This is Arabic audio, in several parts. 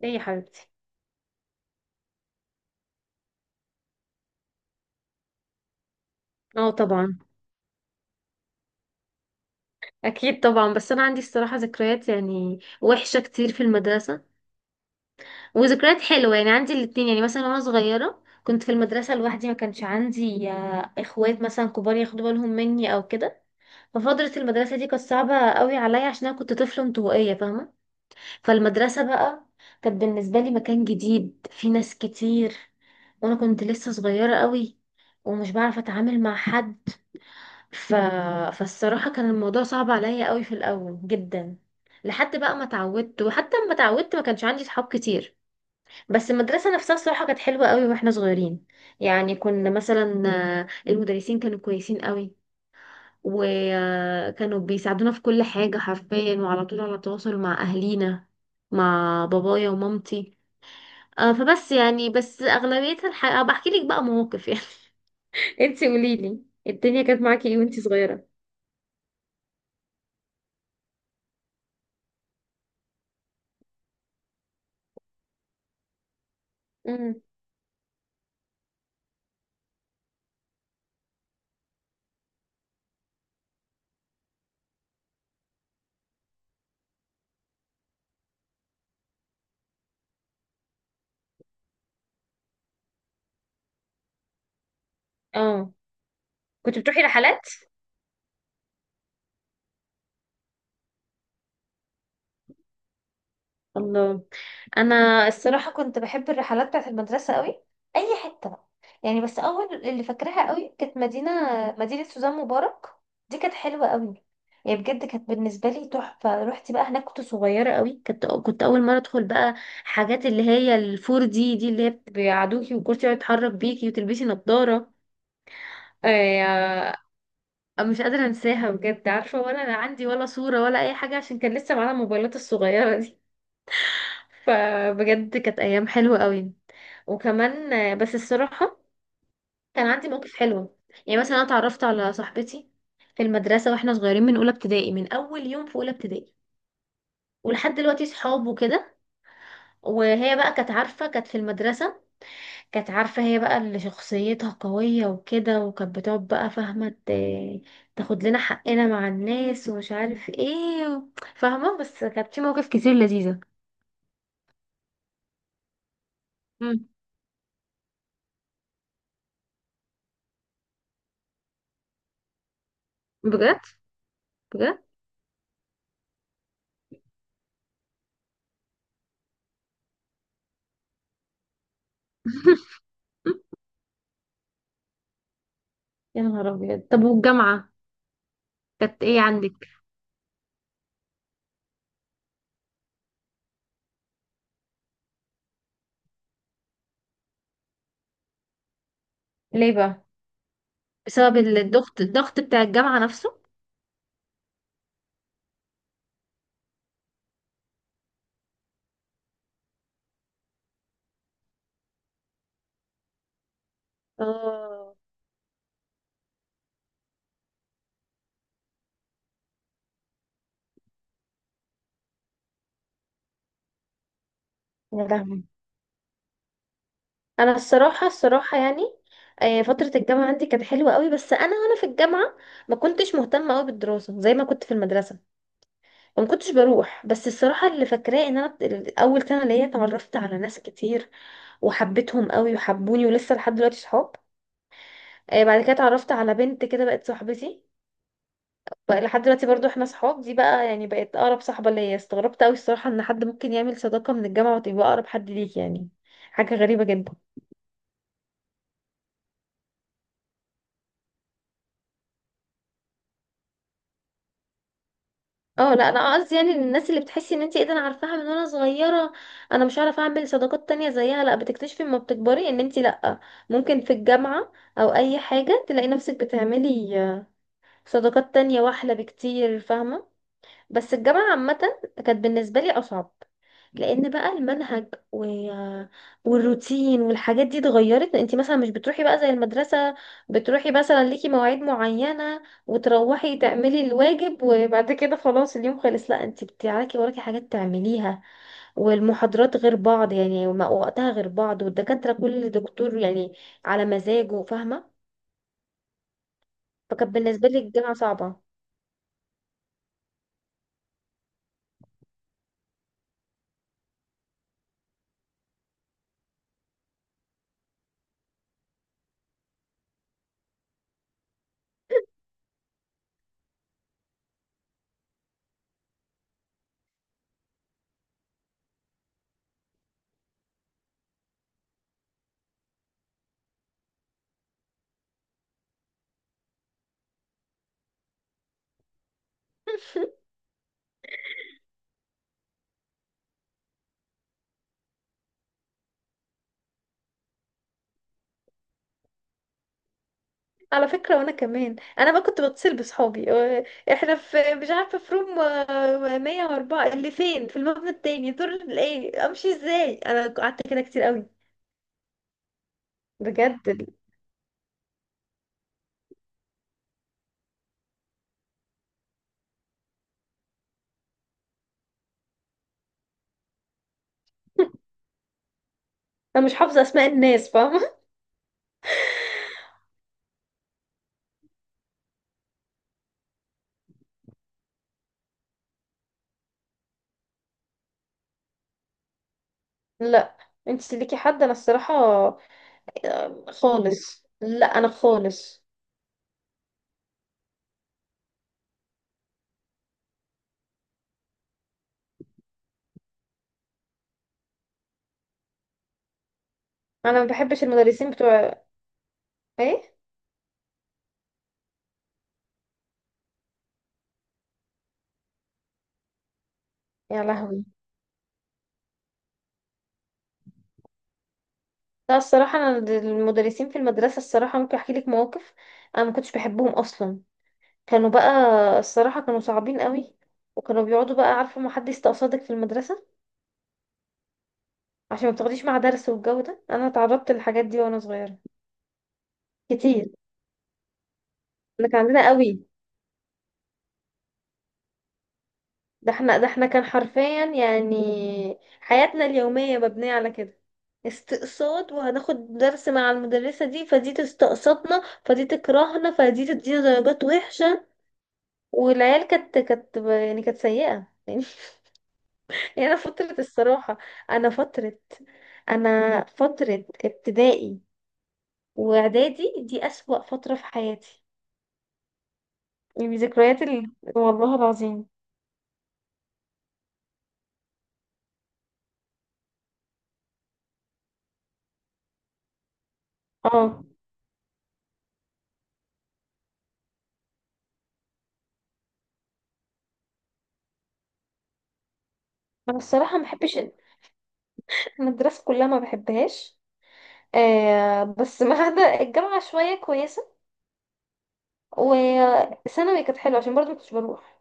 ليه يا حبيبتي؟ اه، طبعا. اكيد طبعا. بس انا عندي الصراحه ذكريات يعني وحشه كتير في المدرسه، وذكريات حلوه. يعني عندي الاتنين. يعني مثلا وانا صغيره كنت في المدرسه لوحدي، ما كانش عندي اخوات مثلا كبار ياخدوا بالهم مني او كده. ففتره المدرسه دي كانت صعبه قوي عليا، عشان انا كنت طفله انطوائيه، فاهمه؟ فالمدرسه بقى كانت بالنسبه لي مكان جديد في ناس كتير، وانا كنت لسه صغيره قوي، ومش بعرف اتعامل مع حد. ف... فالصراحة كان الموضوع صعب عليا قوي في الأول جدا، لحد بقى ما اتعودت. وحتى لما اتعودت ما كانش عندي صحاب كتير. بس المدرسة نفسها الصراحة كانت حلوة قوي واحنا صغيرين. يعني كنا مثلا، المدرسين كانوا كويسين قوي، وكانوا بيساعدونا في كل حاجة حرفيا، وعلى طول على تواصل مع أهلينا، مع بابايا ومامتي. فبس يعني بس أغلبيتها الحقيقة بحكي لك بقى مواقف يعني. انتي قوليلي الدنيا كانت معاكي ايه وانتي صغيرة؟ امم. اه، كنت بتروحي رحلات. الله. انا الصراحه كنت بحب الرحلات بتاعت المدرسه قوي، اي حته بقى. يعني بس اول اللي فاكراها قوي كانت مدينه، مدينه سوزان مبارك. دي كانت حلوه قوي. يعني بجد كانت بالنسبه لي تحفه. رحت بقى هناك كنت صغيره قوي، كنت اول مره ادخل بقى حاجات اللي هي الفور دي اللي هي بيقعدوكي والكرسي يقعد يتحرك بيكي وتلبسي نظاره. آه، مش قادره انساها بجد، عارفه ولا انا عندي ولا صوره ولا اي حاجه، عشان كان لسه معانا الموبايلات الصغيره دي. فبجد كانت ايام حلوه قوي. وكمان بس الصراحه كان عندي مواقف حلوه. يعني مثلا انا اتعرفت على صاحبتي في المدرسه واحنا صغيرين، من اولى ابتدائي، من اول يوم في اولى ابتدائي، ولحد دلوقتي صحاب وكده. وهي بقى كانت عارفه، كانت في المدرسه كانت عارفه، هي بقى اللي شخصيتها قويه وكده، وكانت بتقعد بقى، فاهمه؟ تاخد لنا حقنا مع الناس ومش عارف ايه فاهمه. بس كانت في مواقف كتير لذيذه. مم. بجد؟ بجد؟ يا نهار أبيض. طب والجامعة كانت إيه عندك؟ ليه بقى؟ بسبب الضغط بتاع الجامعة نفسه؟ اه. يا لهوي. انا الصراحه يعني فتره الجامعه عندي كانت حلوه قوي. بس انا وانا في الجامعه ما كنتش مهتمه قوي بالدراسه زي ما كنت في المدرسه، وما كنتش بروح. بس الصراحه اللي فاكراه ان انا اول سنه ليا اتعرفت على ناس كتير، وحبيتهم قوي وحبوني، ولسه لحد دلوقتي صحاب. بعد كده اتعرفت على بنت كده بقت صاحبتي، بقى لحد دلوقتي برضو احنا صحاب. دي بقى يعني بقت اقرب صاحبة ليا. استغربت قوي الصراحة ان حد ممكن يعمل صداقة من الجامعة وتبقى اقرب حد ليك، يعني حاجة غريبة جدا. اه، لا انا قصدي يعني الناس اللي بتحسي ان انت ايه ده انا عارفاها من وانا صغيرة، انا مش هعرف اعمل صداقات تانية زيها. لا، بتكتشفي لما بتكبري ان انت لا، ممكن في الجامعة او اي حاجة تلاقي نفسك بتعملي صداقات تانية واحلى بكتير، فاهمة؟ بس الجامعة عامة كانت بالنسبة لي اصعب، لان بقى المنهج والروتين والحاجات دي اتغيرت. انت مثلا مش بتروحي بقى زي المدرسة، بتروحي مثلا ليكي مواعيد معينة وتروحي تعملي الواجب، وبعد كده خلاص اليوم خلص. لا انت بتاعك وراكي حاجات تعمليها. والمحاضرات غير بعض يعني، وقتها غير بعض، والدكاترة كل دكتور يعني على مزاجه، فاهمة؟ فكانت بالنسبة لي الجامعة صعبة. على فكرة وانا كمان، انا بقى كنت بتصل بصحابي، احنا في مش عارفة في روم 104 اللي فين، في المبنى التاني دور ايه، امشي ازاي. انا قعدت كده كتير قوي. بجد. انا مش حافظة اسماء الناس، فاهمة؟ لا. انت ليكي حد؟ انا الصراحة خالص لا، انا خالص. انا ما بحبش المدرسين بتوع ايه. يا لهوي. لا الصراحة، انا المدرسين في المدرسة الصراحة ممكن احكي لك مواقف. انا ما كنتش بحبهم اصلا. كانوا بقى الصراحة كانوا صعبين قوي. وكانوا بيقعدوا بقى، عارفة، ما حد يستقصدك في المدرسة عشان ما بتاخديش مع درس. والجو ده انا اتعرضت للحاجات دي وانا صغيرة، كتير. احنا كان عندنا قوي. ده احنا، ده احنا كان حرفيا يعني حياتنا اليومية مبنية على كده، استقصاد. وهناخد درس مع المدرسة دي، فدي تستقصدنا فدي تكرهنا فدي تدينا درجات وحشة. والعيال كانت يعني كانت سيئة. يعني انا فترة الصراحة، انا فترة انا فترة ابتدائي واعدادي دي اسوأ فترة في حياتي. يعني ذكريات والله العظيم. اه، انا الصراحة ما بحبش المدرسة كلها، ما بحبهاش. آه بس، ما عدا الجامعة شوية كويسة. وثانوي كانت حلوة، عشان برضه ما كنتش بروح.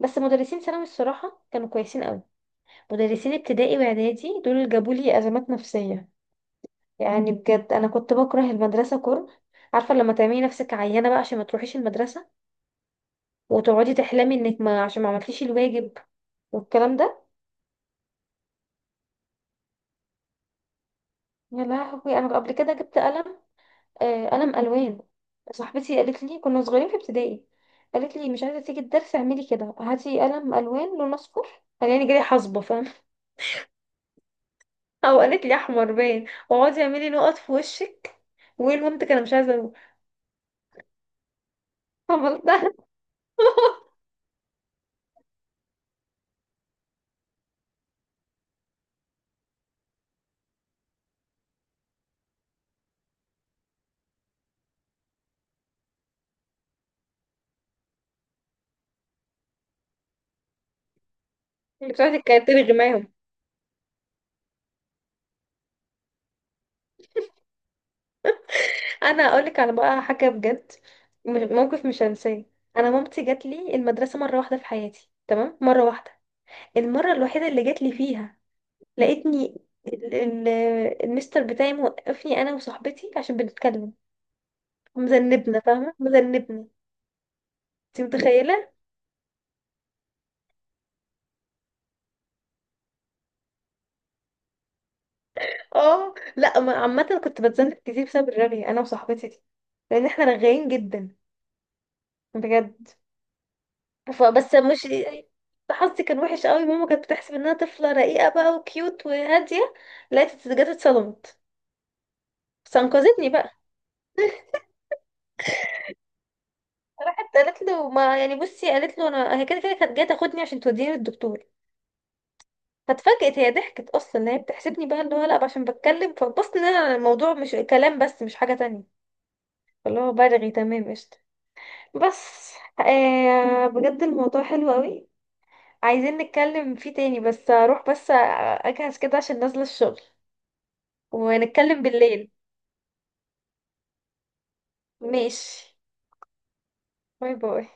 بس مدرسين ثانوي الصراحة كانوا كويسين قوي. مدرسين ابتدائي واعدادي دول اللي جابوا لي ازمات نفسية. يعني بجد انا كنت بكره المدرسه كره. عارفه لما تعملي نفسك عيانه بقى عشان ما تروحيش المدرسه، وتقعدي تحلمي انك ما عشان ما عملتيش الواجب والكلام ده. يا لهوي، انا قبل كده جبت قلم، آه قلم الوان. صاحبتي قالت لي، كنا صغيرين في ابتدائي، قالت لي مش عايزه تيجي الدرس؟ اعملي كده، هاتي قلم الوان لون اصفر، خليني جاي حصبه، فاهم؟ او قالت لي احمر باين، واقعدي اعملي نقط في وشك وايه. البنت كان مش عايزه أقوله. عملتها. مش عايزه كانت تلغي معاهم. انا اقول لك على بقى حاجه بجد، موقف مش هنساه. انا مامتي جات لي المدرسه مره واحده في حياتي، تمام؟ مره واحده، المره الوحيده اللي جات لي فيها، لقيتني ال- ال- المستر بتاعي موقفني انا وصاحبتي عشان بنتكلم. مذنبنا، فاهمه؟ مذنبنا. انت متخيله؟ اه لا، عامه كنت بتذنب كتير بسبب الرغي انا وصاحبتي دي، لان احنا رغاين جدا، بجد. فبس مش، حظي كان وحش قوي. ماما كانت بتحسب ان انا طفله رقيقه بقى وكيوت وهاديه، لقيت جت اتصدمت. بس انقذتني بقى. راحت قالت له، ما يعني بصي، قالت له انا هي كده كده كانت جايه تاخدني عشان توديني للدكتور. فاتفاجئت هي، ضحكت اصلا ان هي بتحسبني بقى اللي هو لا، عشان بتكلم. فبصت ان انا الموضوع مش كلام بس، مش حاجه تانية. اللي هو برغي، تمام، قشطه. بس آه، بجد الموضوع حلو قوي، عايزين نتكلم فيه تاني. بس اروح بس اجهز كده عشان نازله الشغل، ونتكلم بالليل. ماشي. باي باي.